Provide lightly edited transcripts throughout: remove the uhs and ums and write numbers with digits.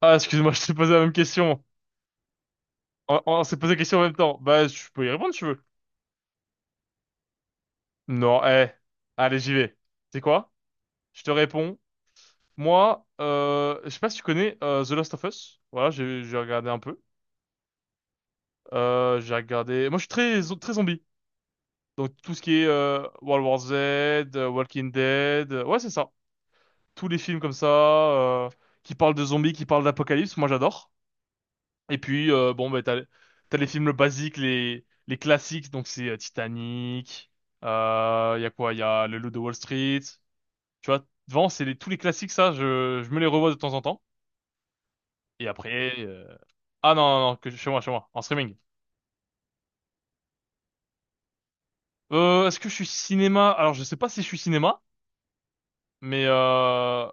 Ah, excuse-moi, je t'ai posé la même question. On s'est posé la question en même temps. Bah, je peux y répondre si tu veux. Non, eh. Allez, j'y vais. C'est quoi? Je te réponds. Moi, je sais pas si tu connais The Last of Us. Voilà, j'ai regardé un peu. J'ai regardé. Moi, je suis très zombie. Donc tout ce qui est World War Z, Walking Dead, ouais, c'est ça. Tous les films comme ça qui parlent de zombies, qui parlent d'apocalypse, moi j'adore. Et puis, bon, bah, t'as les films basiques, les classiques, donc c'est Titanic, y a quoi? Y a Le Loup de Wall Street. Tu vois, devant, c'est les, tous les classiques, ça, je me les revois de temps en temps. Et après, ah non, non, non, chez moi, en streaming. Est-ce que je suis cinéma? Alors, je sais pas si je suis cinéma, mais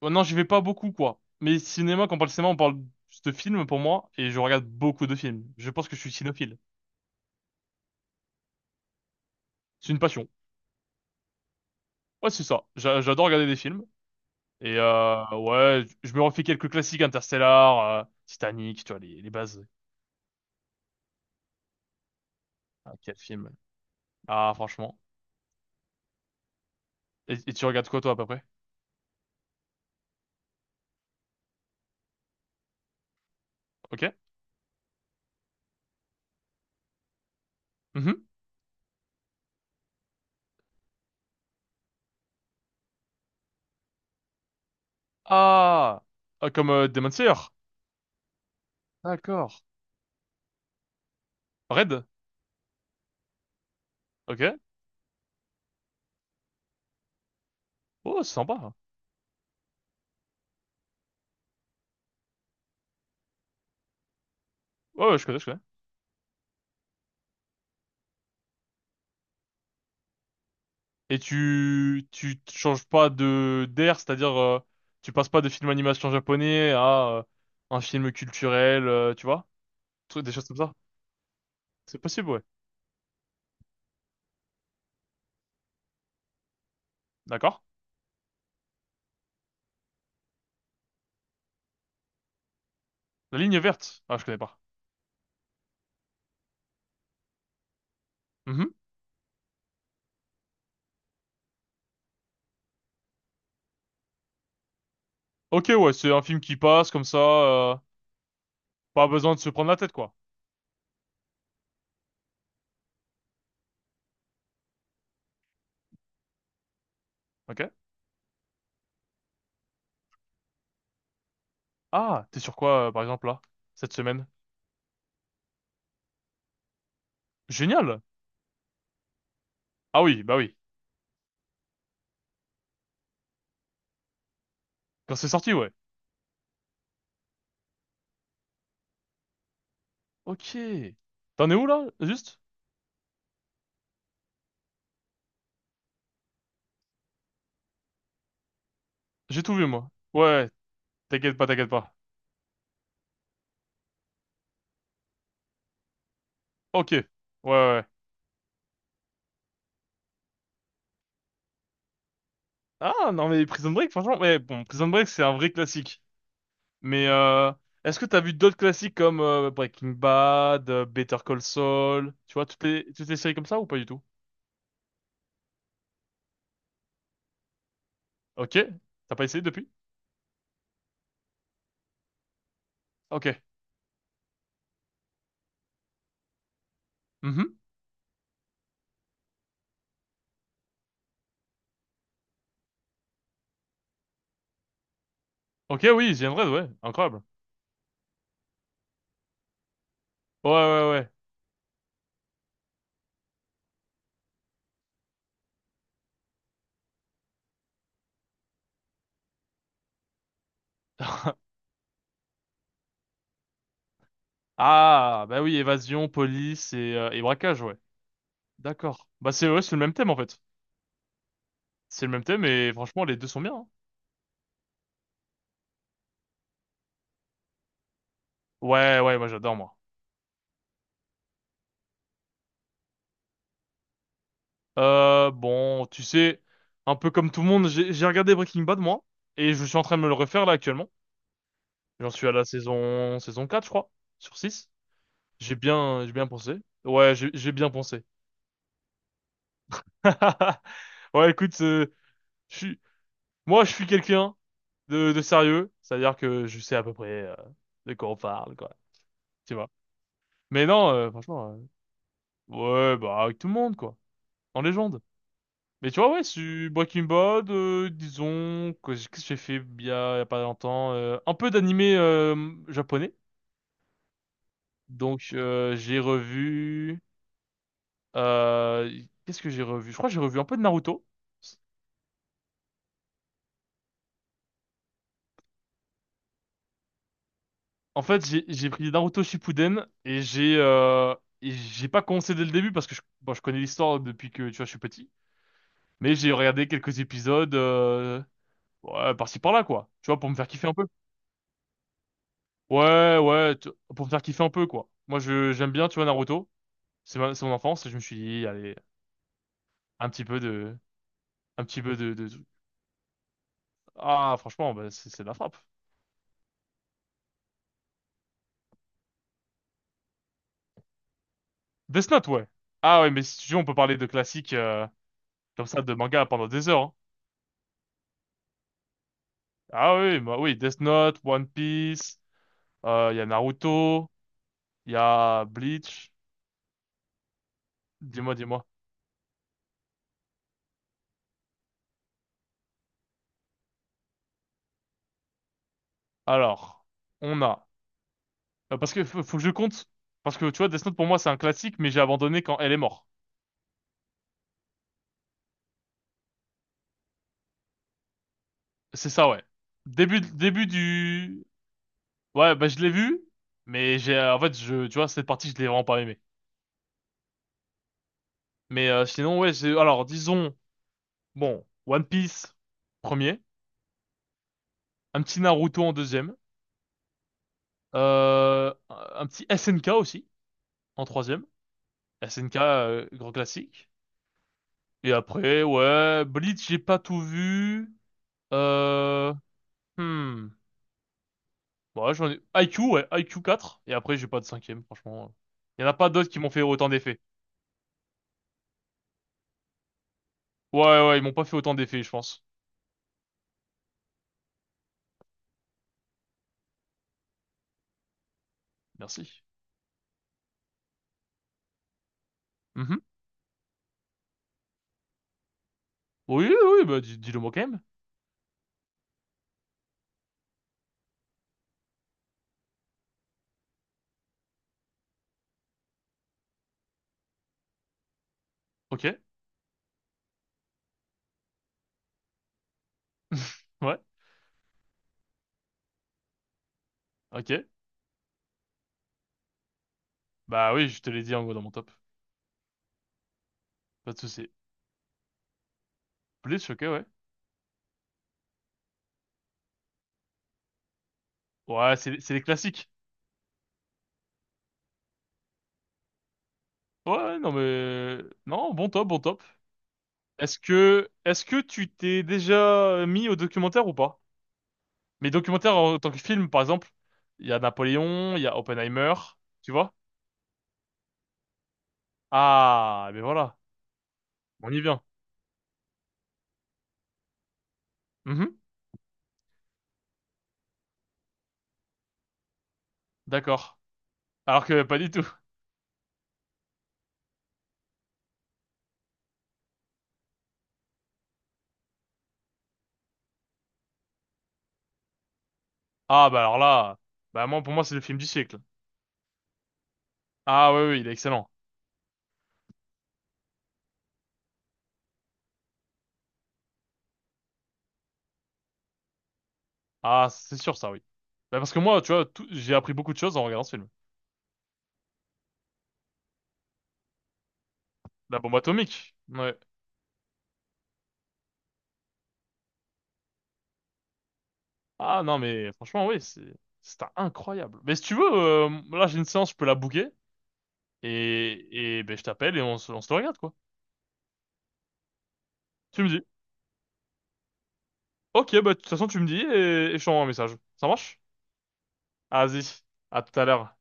oh non, j'y vais pas beaucoup, quoi. Mais cinéma, quand on parle cinéma, on parle juste de films pour moi, et je regarde beaucoup de films. Je pense que je suis cinéphile. C'est une passion. Ouais, c'est ça. J'adore regarder des films. Et ouais, je me refais quelques classiques, Interstellar, Titanic, tu vois, les bases. Ah, quel film. Ah, franchement. Et tu regardes quoi, toi, à peu près? Ok? Mhm. Ah! Ah, comme Demon Slayer. D'accord. Red? Ok. Oh, c'est sympa. Ouais, ouais, je connais, je connais. Et tu te changes pas de d'air, c'est-à-dire, tu passes pas de film animation japonais à un film culturel, tu vois? Des choses comme ça. C'est possible, ouais. D'accord. La ligne verte. Ah, je connais pas. Mhm. Ok, ouais, c'est un film qui passe comme ça, pas besoin de se prendre la tête, quoi. Ok. Ah, t'es sur quoi, par exemple, là, cette semaine? Génial! Ah oui, bah oui. Quand c'est sorti, ouais. Ok. T'en es où, là, juste? J'ai tout vu, moi. Ouais, t'inquiète pas, t'inquiète pas. Ok. Ouais, ouais, ouais. Ah, non, mais Prison Break, franchement, mais bon, Prison Break, c'est un vrai classique. Mais, est-ce que t'as vu d'autres classiques comme Breaking Bad, Better Call Saul, tu vois, toutes les séries comme ça ou pas du tout? Ok. T'as pas essayé depuis? Ok. Mhm. Ok, oui, The Red, ouais, incroyable. Ouais, ouais, ouais. Ah, bah oui, évasion, police et braquage, ouais. D'accord. Bah, c'est, ouais, c'est le même thème en fait. C'est le même thème et franchement les deux sont bien, hein. Ouais, ouais, moi j'adore moi. Bon, tu sais, un peu comme tout le monde, j'ai regardé Breaking Bad moi et je suis en train de me le refaire là actuellement. J'en suis à la saison 4 je crois, sur six. J'ai bien pensé. Ouais, j'ai bien pensé. Ouais, écoute, je suis Moi, je suis quelqu'un de sérieux, c'est-à-dire que je sais à peu près de quoi on parle, quoi. Tu vois. Mais non, franchement, euh, ouais, bah avec tout le monde, quoi. En légende. Mais tu vois, ouais, sur Breaking Bad, disons que qu'est-ce que j'ai fait il y a pas longtemps, un peu d'animé japonais. Donc euh, qu'est-ce que j'ai revu? Je crois que j'ai revu un peu de Naruto. En fait, j'ai pris Naruto Shippuden et j'ai pas commencé dès le début parce que bon, je connais l'histoire depuis que tu vois je suis petit, mais j'ai regardé quelques épisodes ouais, par-ci par-là quoi. Tu vois pour me faire kiffer un peu. Ouais, ouais, pour me faire kiffer un peu quoi. Moi, je j'aime bien tu vois Naruto, c'est mon enfance et je me suis dit allez un petit peu de un petit peu de, de... ah franchement bah, c'est de la frappe. Death Note, ouais. Ah, ouais, mais si tu veux on peut parler de classiques comme ça de manga pendant des heures, hein. Ah oui, bah oui, Death Note, One Piece. Il y a Naruto, il y a Bleach. Dis-moi, dis-moi. Alors, on a... parce que faut que je compte. Parce que tu vois, Death Note pour moi c'est un classique, mais j'ai abandonné quand elle est morte. C'est ça, ouais. Début, début du... Ouais, bah je l'ai vu, mais en fait, je, tu vois, cette partie, je l'ai vraiment pas aimé. Mais sinon, ouais. Alors, disons, bon, One Piece, premier. Un petit Naruto en deuxième. Un petit SNK aussi, en troisième. SNK, grand classique. Et après, ouais, Blitz j'ai pas tout vu. Euh, hmm. Ouais, IQ, ouais, IQ quatre. Et après, j'ai pas de cinquième, franchement. Il y en a pas d'autres qui m'ont fait autant d'effets. Ouais, ouais, ils m'ont pas fait autant d'effets, je pense. Merci. Mhm. Oui, oui, bah, dis, le moi quand même. Ok. Ouais, ok. Bah oui, je te l'ai dit en gros dans mon top. Pas de souci. Blitz, ok, ouais. Ouais, c'est les classiques. Ouais, ouais, non mais... Non, bon top, bon top. Est-ce que tu t'es déjà mis au documentaire ou pas? Mais documentaire en tant que film, par exemple, il y a Napoléon, il y a Oppenheimer, tu vois? Ah, mais voilà, on y vient. Mhm, d'accord. Alors que pas du tout. Ah, bah alors là, bah moi, pour moi, c'est le film du siècle. Ah oui, oui, il est excellent. Ah, c'est sûr ça, oui. Bah parce que moi, tu vois, j'ai appris beaucoup de choses en regardant ce film. La bombe atomique. Ouais. Ah non, mais franchement, oui, c'est incroyable. Mais si tu veux, là, j'ai une séance, je peux la booker. Et ben, je t'appelle et on se le regarde, quoi. Tu me dis. Ok, bah de toute façon tu me dis et je t'envoie un message. Ça marche? Ah, vas-y, à tout à l'heure.